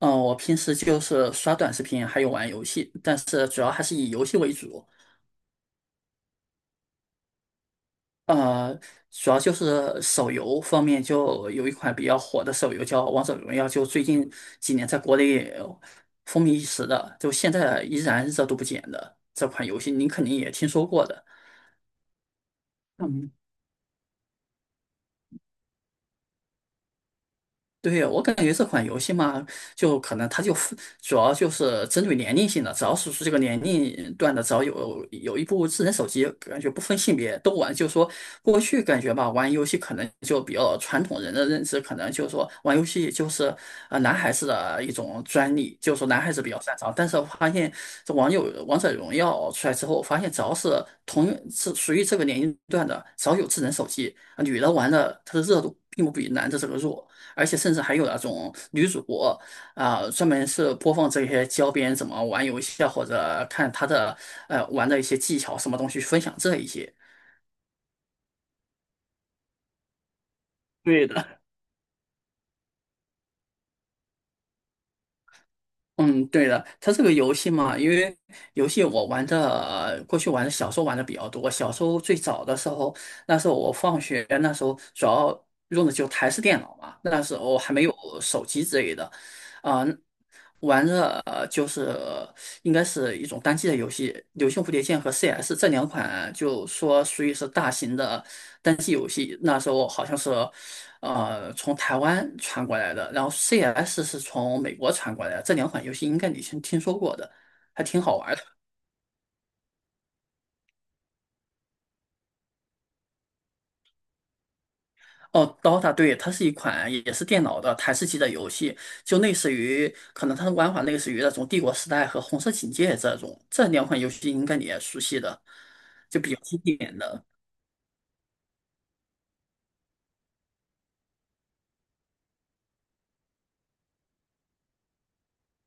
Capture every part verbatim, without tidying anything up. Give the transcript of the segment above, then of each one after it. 嗯，我平时就是刷短视频，还有玩游戏，但是主要还是以游戏为主。呃，主要就是手游方面，就有一款比较火的手游叫《王者荣耀》，就最近几年在国内风靡一时的，就现在依然热度不减的这款游戏，您肯定也听说过的。嗯。对，我感觉这款游戏嘛，就可能它就主要就是针对年龄性的，只要是这个年龄段的，只要有有一部智能手机，感觉不分性别都玩。就是说过去感觉吧，玩游戏可能就比较传统人的认知，可能就是说玩游戏就是呃男孩子的一种专利，就是说男孩子比较擅长。但是我发现这网友王者荣耀出来之后，我发现只要是同是属于这个年龄段的，只要有智能手机，女的玩的它的热度并不比男的这个弱。而且甚至还有那种女主播啊、专门是播放这些教别人怎么玩游戏啊，或者看他的呃玩的一些技巧什么东西，分享这一些。对的，嗯，对的，它这个游戏嘛，因为游戏我玩的，过去玩的小时候玩的比较多。小时候最早的时候，那时候我放学，那时候主要用的就台式电脑嘛，那时候还没有手机之类的，啊、玩的呃就是应该是一种单机的游戏，《流星蝴蝶剑》和 C S 这两款，就说属于是大型的单机游戏。那时候好像是。呃，从台湾传过来的，然后 C S 是从美国传过来的，这两款游戏应该你先听说过的，还挺好玩的。哦，Dota，对，它是一款也是电脑的台式机的游戏，就类似于，可能它的玩法类似于那种《帝国时代》和《红色警戒》这种，这两款游戏应该你也熟悉的，就比较经典的。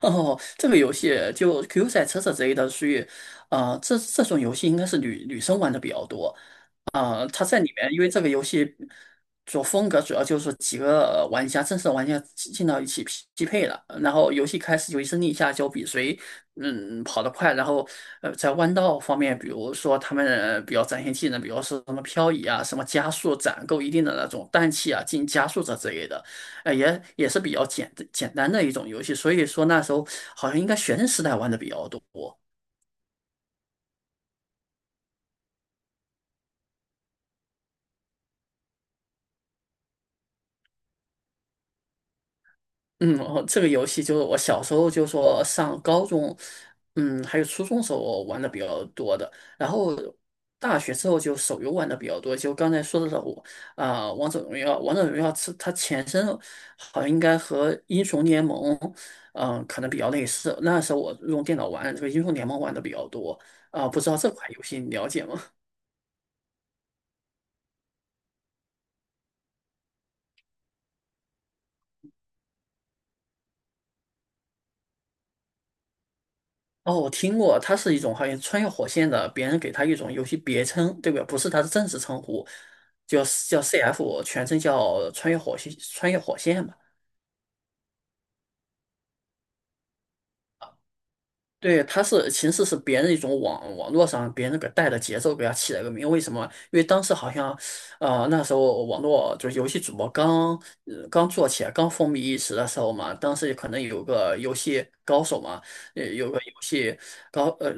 哦，这个游戏就 Q 赛车这之类的，属于，呃，这这种游戏应该是女女生玩的比较多。啊，它在里面，因为这个游戏主风格主要就是几个玩家，正式玩家进进到一起匹匹配了，然后游戏开始就一声令下，就比谁嗯跑得快，然后呃在弯道方面，比如说他们呃比较展现技能，比如说什么漂移啊，什么加速攒够一定的那种氮气啊，进行加速这之类的，呃也也是比较简简单的一种游戏，所以说那时候好像应该学生时代玩的比较多。嗯，哦，这个游戏就是我小时候就说上高中，嗯，还有初中时候我玩的比较多的，然后大学之后就手游玩的比较多，就刚才说的我啊，王者荣耀，王者荣耀是它前身好像应该和英雄联盟，嗯，可能比较类似。那时候我用电脑玩这个英雄联盟玩的比较多啊，不知道这款游戏你了解吗？哦，我听过，它是一种好像穿越火线的，别人给它一种游戏别称，对不对？不是它的正式称呼，叫叫 C F，全称叫穿越火线，穿越火线嘛。对，它是其实是别人一种网网络上别人给带的节奏给它起了个名，为什么？因为当时好像，呃，那时候网络就是游戏主播刚呃刚做起来，刚风靡一时的时候嘛，当时可能有个游戏高手嘛，呃，有个游戏高呃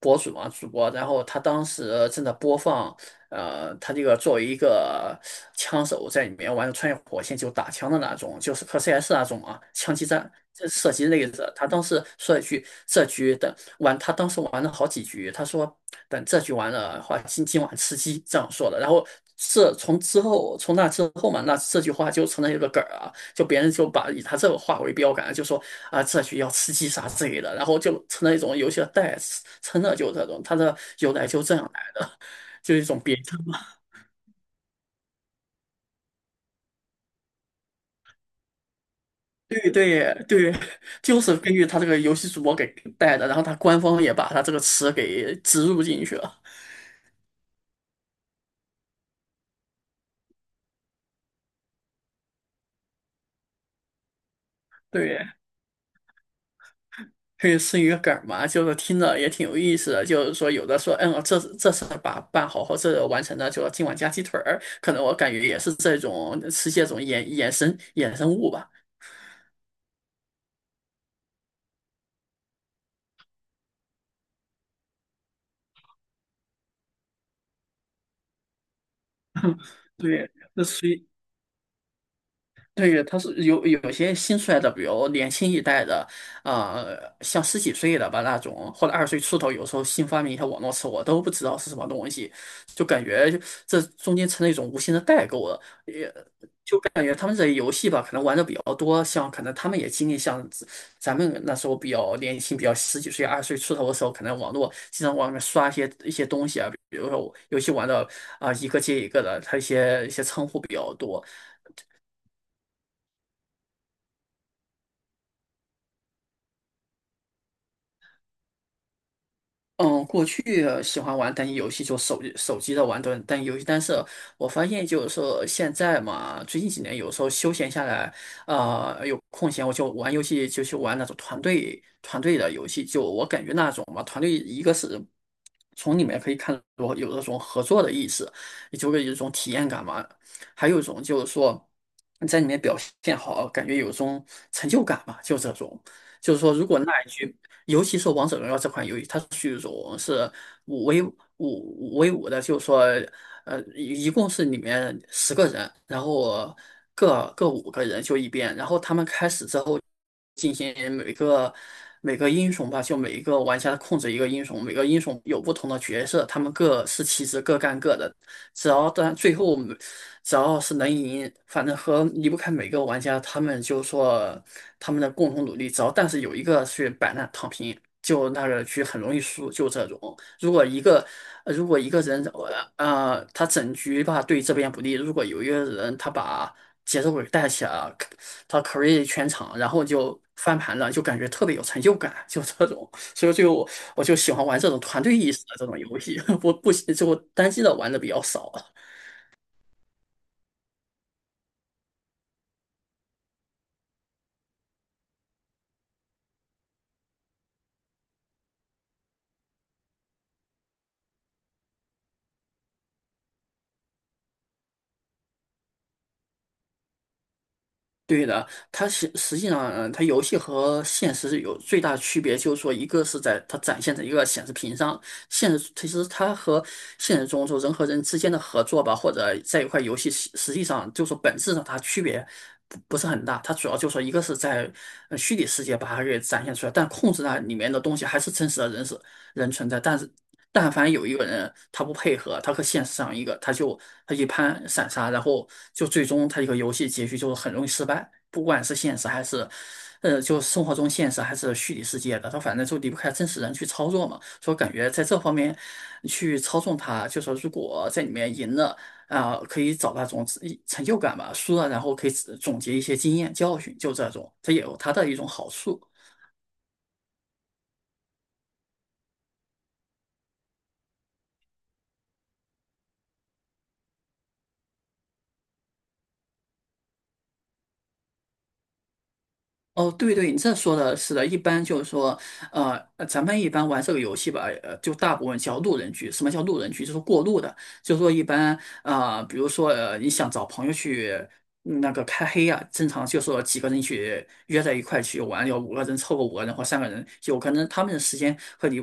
博主嘛，主播，然后他当时正在播放。呃，他这个作为一个枪手在里面玩穿越火线就打枪的那种，就是和 C S 那种啊枪击战这射击类的。他当时说一句，这局的玩，他当时玩了好几局，他说等这局完了的话，今今晚吃鸡这样说的。然后这从之后，从那之后嘛，那这句话就成了一个梗儿啊，就别人就把以他这个话为标杆，就说啊这局要吃鸡啥之类的，然后就成了一种游戏的代词，成了就这种，他的由来就这样来的。就是一种别称。对对对，就是根据他这个游戏主播给带的，然后他官方也把他这个词给植入进去了。对，可以是一个梗儿嘛，就是听着也挺有意思的。就是说，有的说，嗯，这这次把办好或者完成的，就今晚加鸡腿儿，可能我感觉也是这种是这种衍衍生衍生物吧。对，那属于对，他是有有些新出来的，比如年轻一代的，呃，像十几岁的吧那种，或者二十岁出头，有时候新发明一些网络词，我都不知道是什么东西，就感觉就这中间成了一种无形的代沟了。也感觉他们这游戏吧，可能玩的比较多，像可能他们也经历像咱咱们那时候比较年轻，比较十几岁、二十岁出头的时候，可能网络经常往里面刷一些一些东西啊，比如说我游戏玩的啊、一个接一个的，它一些一些称呼比较多。嗯，过去呃喜欢玩单机游戏，就手手机的玩单单机游戏，但是我发现就是说现在嘛，最近几年有时候休闲下来，呃，有空闲我就玩游戏，就去玩那种团队团队的游戏，就我感觉那种嘛，团队一个是从里面可以看到有那种合作的意识，也就会有一种体验感嘛，还有一种就是说你在里面表现好，感觉有一种成就感嘛，就这种。就是说，如果那一局，尤其是《王者荣耀》这款游戏，它是一种是五 v 五五 v 五的，就是说，呃，一共是里面十个人，然后各各五个人就一边，然后他们开始之后进行每个每个英雄吧，就每一个玩家控制一个英雄，每个英雄有不同的角色，他们各司其职，各干各的，只要到最后。只要是能赢，反正和离不开每个玩家，他们就说他们的共同努力，只要但是有一个去摆烂躺平，就那个局很容易输，就这种。如果一个呃如果一个人呃呃他整局吧对这边不利，如果有一个人他把节奏给带起来了，他 carry 全场，然后就翻盘了，就感觉特别有成就感，就这种。所以就我我就喜欢玩这种团队意识的这种游戏，我不喜就单机的玩的比较少。对的，它实实际上，嗯，它游戏和现实是有最大区别，就是说，一个是在它展现在一个显示屏上，现实其实它和现实中就人和人之间的合作吧，或者在一块游戏，实实际上就是说本质上它区别不不是很大，它主要就是说一个是在呃虚拟世界把它给展现出来，但控制那里面的东西还是真实的人是人存在，但是但凡有一个人他不配合，他和现实上一个，他就他一盘散沙，然后就最终他一个游戏结局就是很容易失败，不管是现实还是，呃，就生活中现实还是虚拟世界的，他反正就离不开真实人去操作嘛。所以我感觉在这方面去操纵他，就说如果在里面赢了啊、可以找那种自成就感吧；输了，然后可以总结一些经验教训，就这种，这也有它的一种好处。哦，对对，你这说的是的，一般就是说，呃，呃咱们一般玩这个游戏吧，呃，就大部分叫路人局。什么叫路人局？就是过路的，就是说一般，呃，比如说，呃，你想找朋友去嗯那个开黑啊，正常就是说几个人去约在一块去玩，有五个人凑够五个人或三个人，有可能他们的时间和你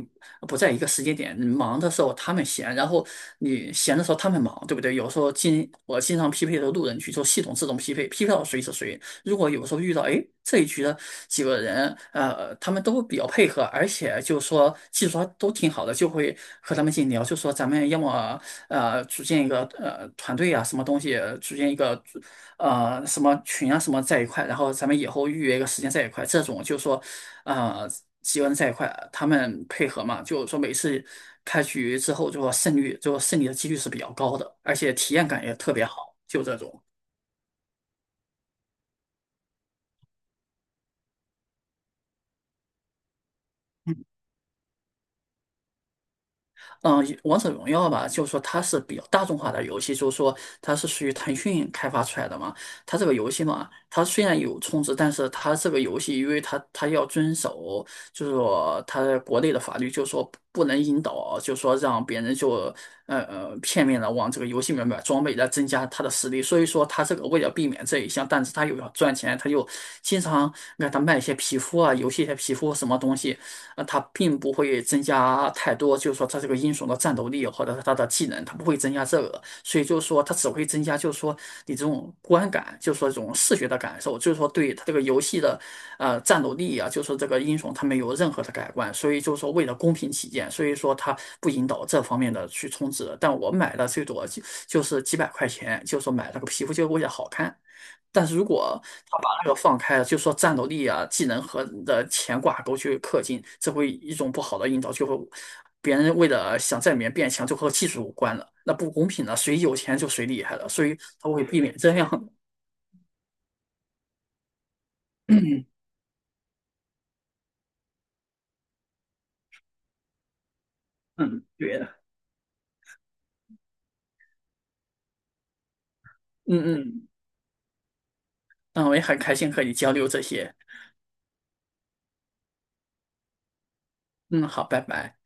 不在一个时间点，你忙的时候他们闲，然后你闲的时候他们忙，对不对？有时候经我经常匹配的路人局，就系统自动匹配，匹配到谁是谁。如果有时候遇到，哎，这一局的几个人，呃，他们都比较配合，而且就说技术都挺好的，就会和他们进行聊，就说咱们要么呃组建一个呃团队啊，什么东西，组建一个呃什么群啊，什么在一块，然后咱们以后预约一个时间在一块，这种就说呃几个人在一块，他们配合嘛，就是说每次开局之后，就说胜率，就说胜利的几率是比较高的，而且体验感也特别好，就这种。嗯，呃王者荣耀吧，就是说它是比较大众化的游戏，就是说它是属于腾讯开发出来的嘛。它这个游戏嘛，它虽然有充值，但是它这个游戏，因为它它要遵守，就是说它国内的法律，就是说不能引导，就是说让别人就呃呃片面的往这个游戏里面买装备来增加他的实力。所以说它这个为了避免这一项，但是它又要赚钱，它就经常让他卖一些皮肤啊，游戏一些皮肤什么东西。那它并不会增加太多，就是说它这个英雄的战斗力或者是他的技能，它不会增加这个，所以就是说它只会增加，就是说你这种观感，就是说这种视觉的感受，就是说对它这个游戏的呃战斗力啊，就是说这个英雄他没有任何的改观，所以就是说为了公平起见，所以说它不引导这方面的去充值，但我买的最多就就是几百块钱，就是说买了个皮肤结为了好看。但是如果他把那个放开了，就说战斗力啊、技能和你的钱挂钩去氪金，这会一种不好的引导，就会别人为了想在里面变强，就和技术无关了，那不公平的，谁有钱就谁厉害了，所以他会避免这样的。嗯，对的，嗯嗯，那我也很开心和你交流这些。嗯，好，拜拜。